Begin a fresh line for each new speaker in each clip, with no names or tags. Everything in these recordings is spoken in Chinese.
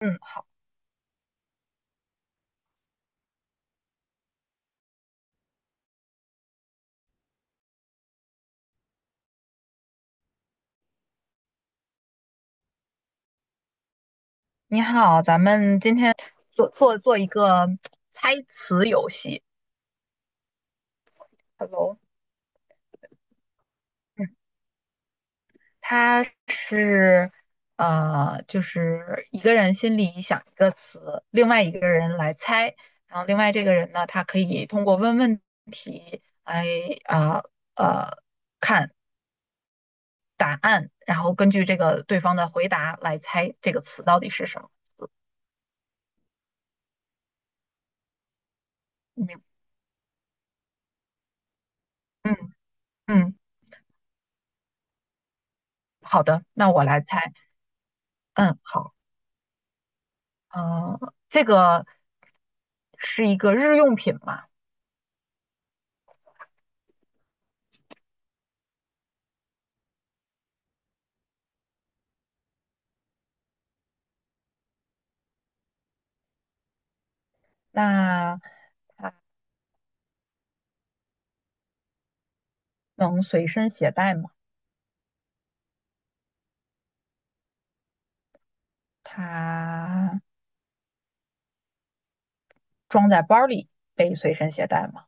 嗯，你好，咱们今天做一个猜词游戏。Hello，嗯，它是就是一个人心里想一个词，另外一个人来猜，然后另外这个人呢，他可以通过问问题来呃呃答案，然后根据这个对方的回答来猜这个词到底是什么。明，嗯嗯，好的，那我来猜。嗯，好，这个。是一个日用品嘛，那能随身携带吗？它装在包里被随身携带吗？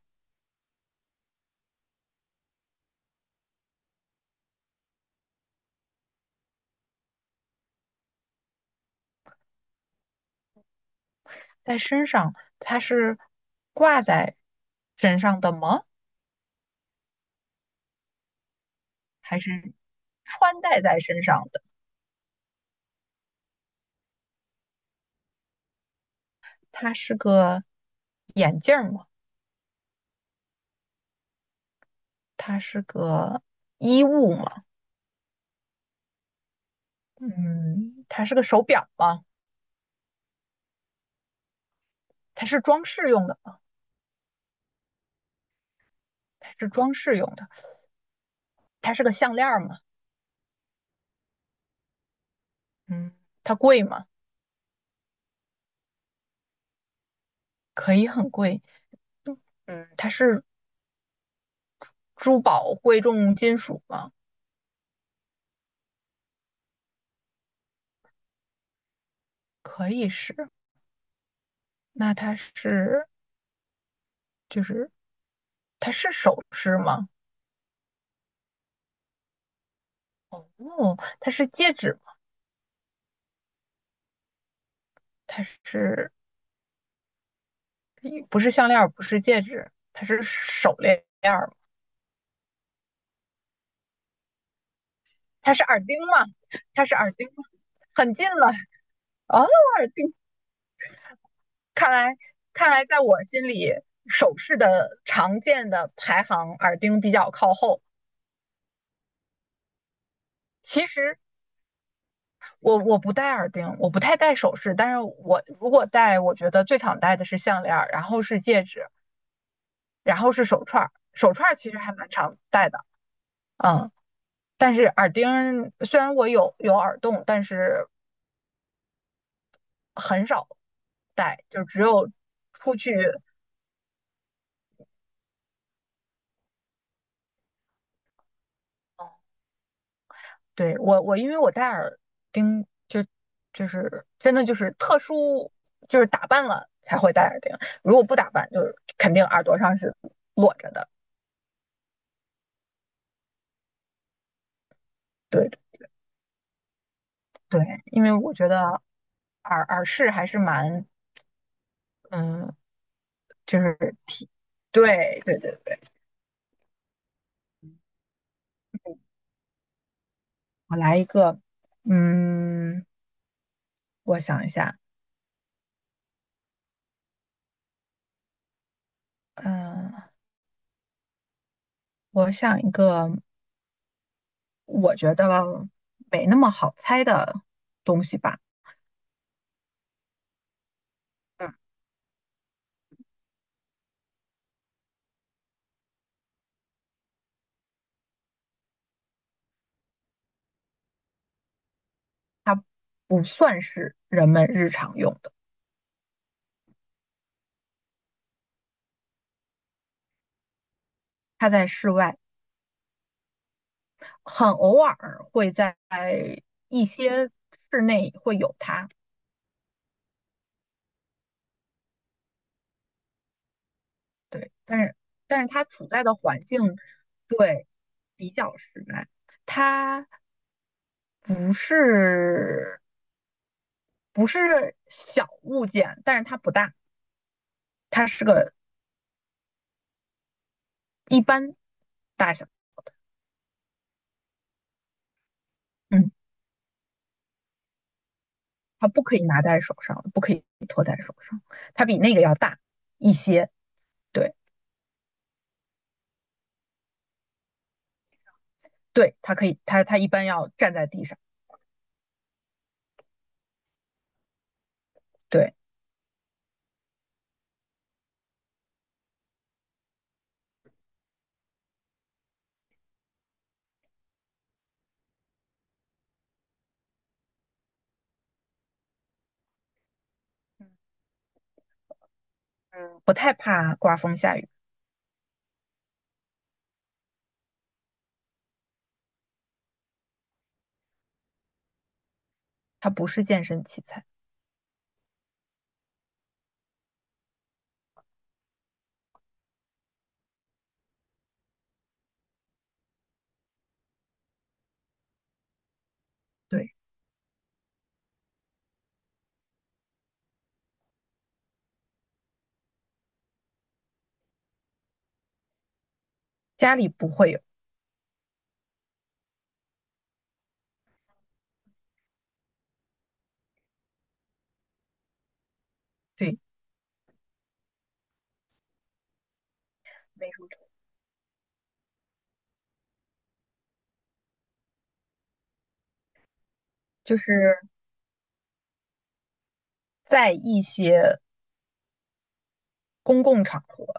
在身上它是挂在身上的吗？还是穿戴在身上的？它是个眼镜吗？它是个衣物吗？嗯，它是个手表吗？它是装饰用的吗？它是装饰用的。它是个项链吗？嗯，它贵吗？可以很贵。嗯，它是珠宝贵重金属吗？可以是。那它就是它是首饰吗？哦，它是戒指吗？它是不是项链儿？不是戒指，它是手链儿吗？它是耳钉吗？它是耳钉吗，很近了。哦，耳钉，看来看来在我心里，首饰的常见的排行，耳钉比较靠后。其实我不戴耳钉，我不太戴首饰，但是我如果戴，我觉得最常戴的是项链然后是戒指，然后是手串儿。手串儿其实还蛮常戴的，嗯，但是耳钉虽然我有耳洞，但是很少戴，就只有出去。嗯对，我因为我戴耳钉，就是真的就是特殊，就是打扮了才会戴耳钉，如果不打扮，就是肯定耳朵上是裸着的。对。对，因为我觉得耳饰还是蛮，嗯，就是挺，对对对对。我来一个，嗯，我想一下，嗯、我想一个，我觉得没那么好猜的东西吧，嗯，它不算是人们日常用的，它在室外，很偶尔会在一些室内会有它。对，但是他处在的环境对比较实在，它不是不是小物件，但是它不大，它是个一般大小，嗯，它不可以拿在手上，不可以托在手上，它比那个要大一些，对对，它可以，它一般要站在地上，对，嗯，不太怕刮风下雨，它不是健身器材，对，家里不会有，对，没什么就是在一些公共场合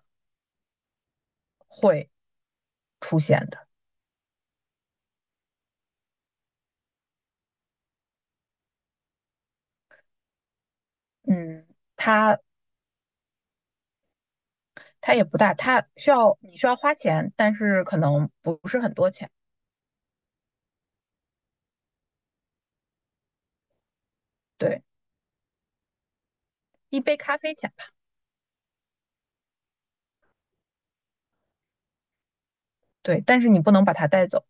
会出现的。嗯，它它也不大，它需要你需要花钱，但是可能不是很多钱，对，一杯咖啡钱吧，对，但是你不能把它带走，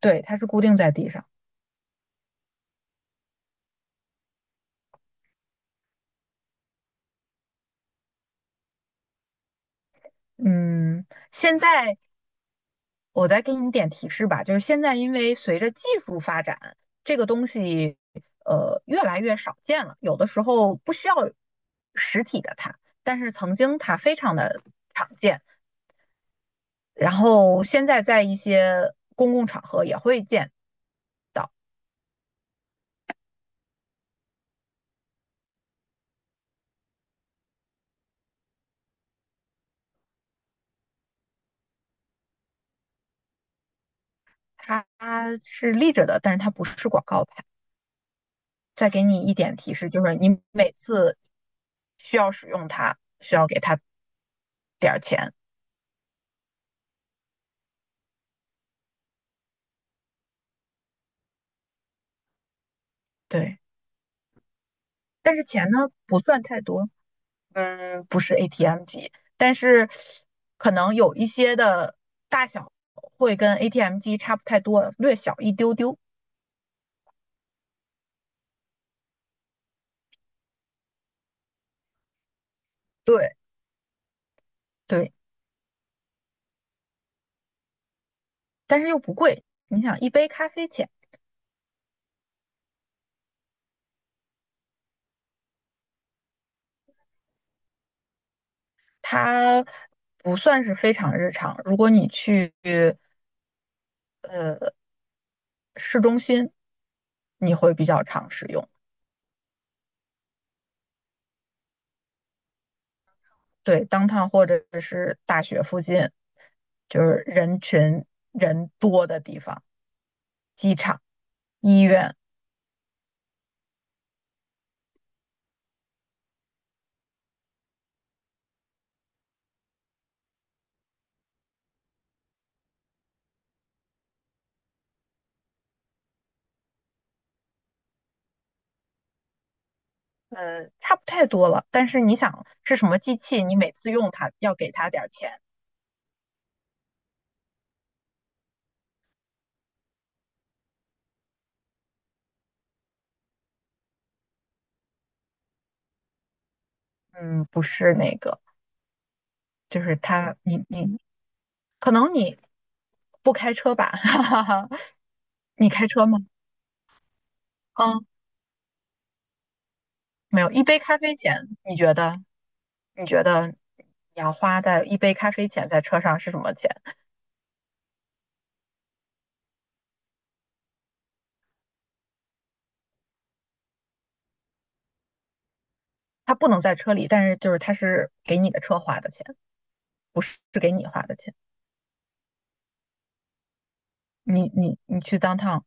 对，它是固定在地上。嗯，现在我再给你点提示吧，就是现在因为随着技术发展，这个东西越来越少见了，有的时候不需要实体的它，但是曾经它非常的常见。然后现在在一些公共场合也会见，它是立着的，但是它不是广告牌。再给你一点提示，就是你每次需要使用它，需要给它点儿钱。对，但是钱呢不算太多，嗯，不是 ATM 机，但是可能有一些的大小会跟 ATM 机差不太多，略小一丢丢。对对，但是又不贵。你想，一杯咖啡钱。它不算是非常日常。如果你去呃市中心，你会比较常使用。对，downtown 或者是大学附近，就是人多的地方，机场、医院，差不太多了。但是你想是什么机器，你每次用它要给它点儿钱，嗯，不是那个，就是它，可能你不开车吧，哈哈哈，你开车吗？嗯。没有，一杯咖啡钱，你觉得？你觉得你要花在一杯咖啡钱在车上是什么钱？它不能在车里，但是就是它是给你的车花的钱，不是是给你花的钱。你去当趟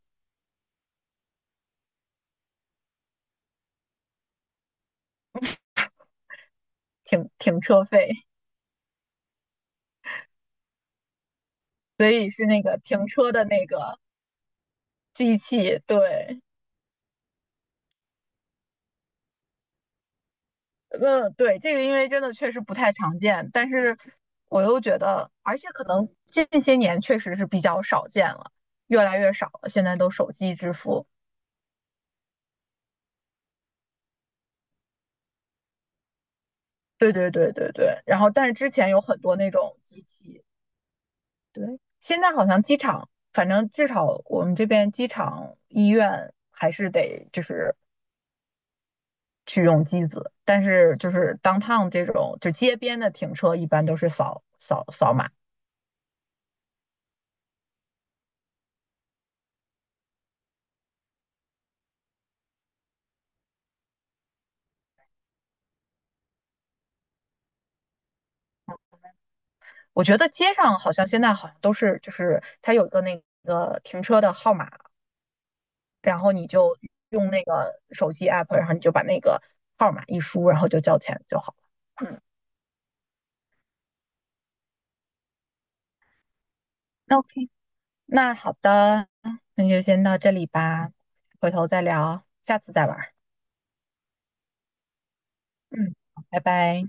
停车费，所以是那个停车的那个机器。对，嗯，对，这个因为真的确实不太常见，但是我又觉得，而且可能近些年确实是比较少见了，越来越少了。现在都手机支付。对对对对对，然后但是之前有很多那种机器，对，现在好像机场，反正至少我们这边机场医院还是得就是去用机子，但是就是 downtown 这种就街边的停车一般都是扫扫码，我觉得街上好像现在好像都是就是它有一个那个停车的号码，然后你就用那个手机 app，然后你就把那个号码一输，然后就交钱就好了。嗯，OK，那好的，那就先到这里吧，回头再聊，下次再玩儿嗯，拜拜。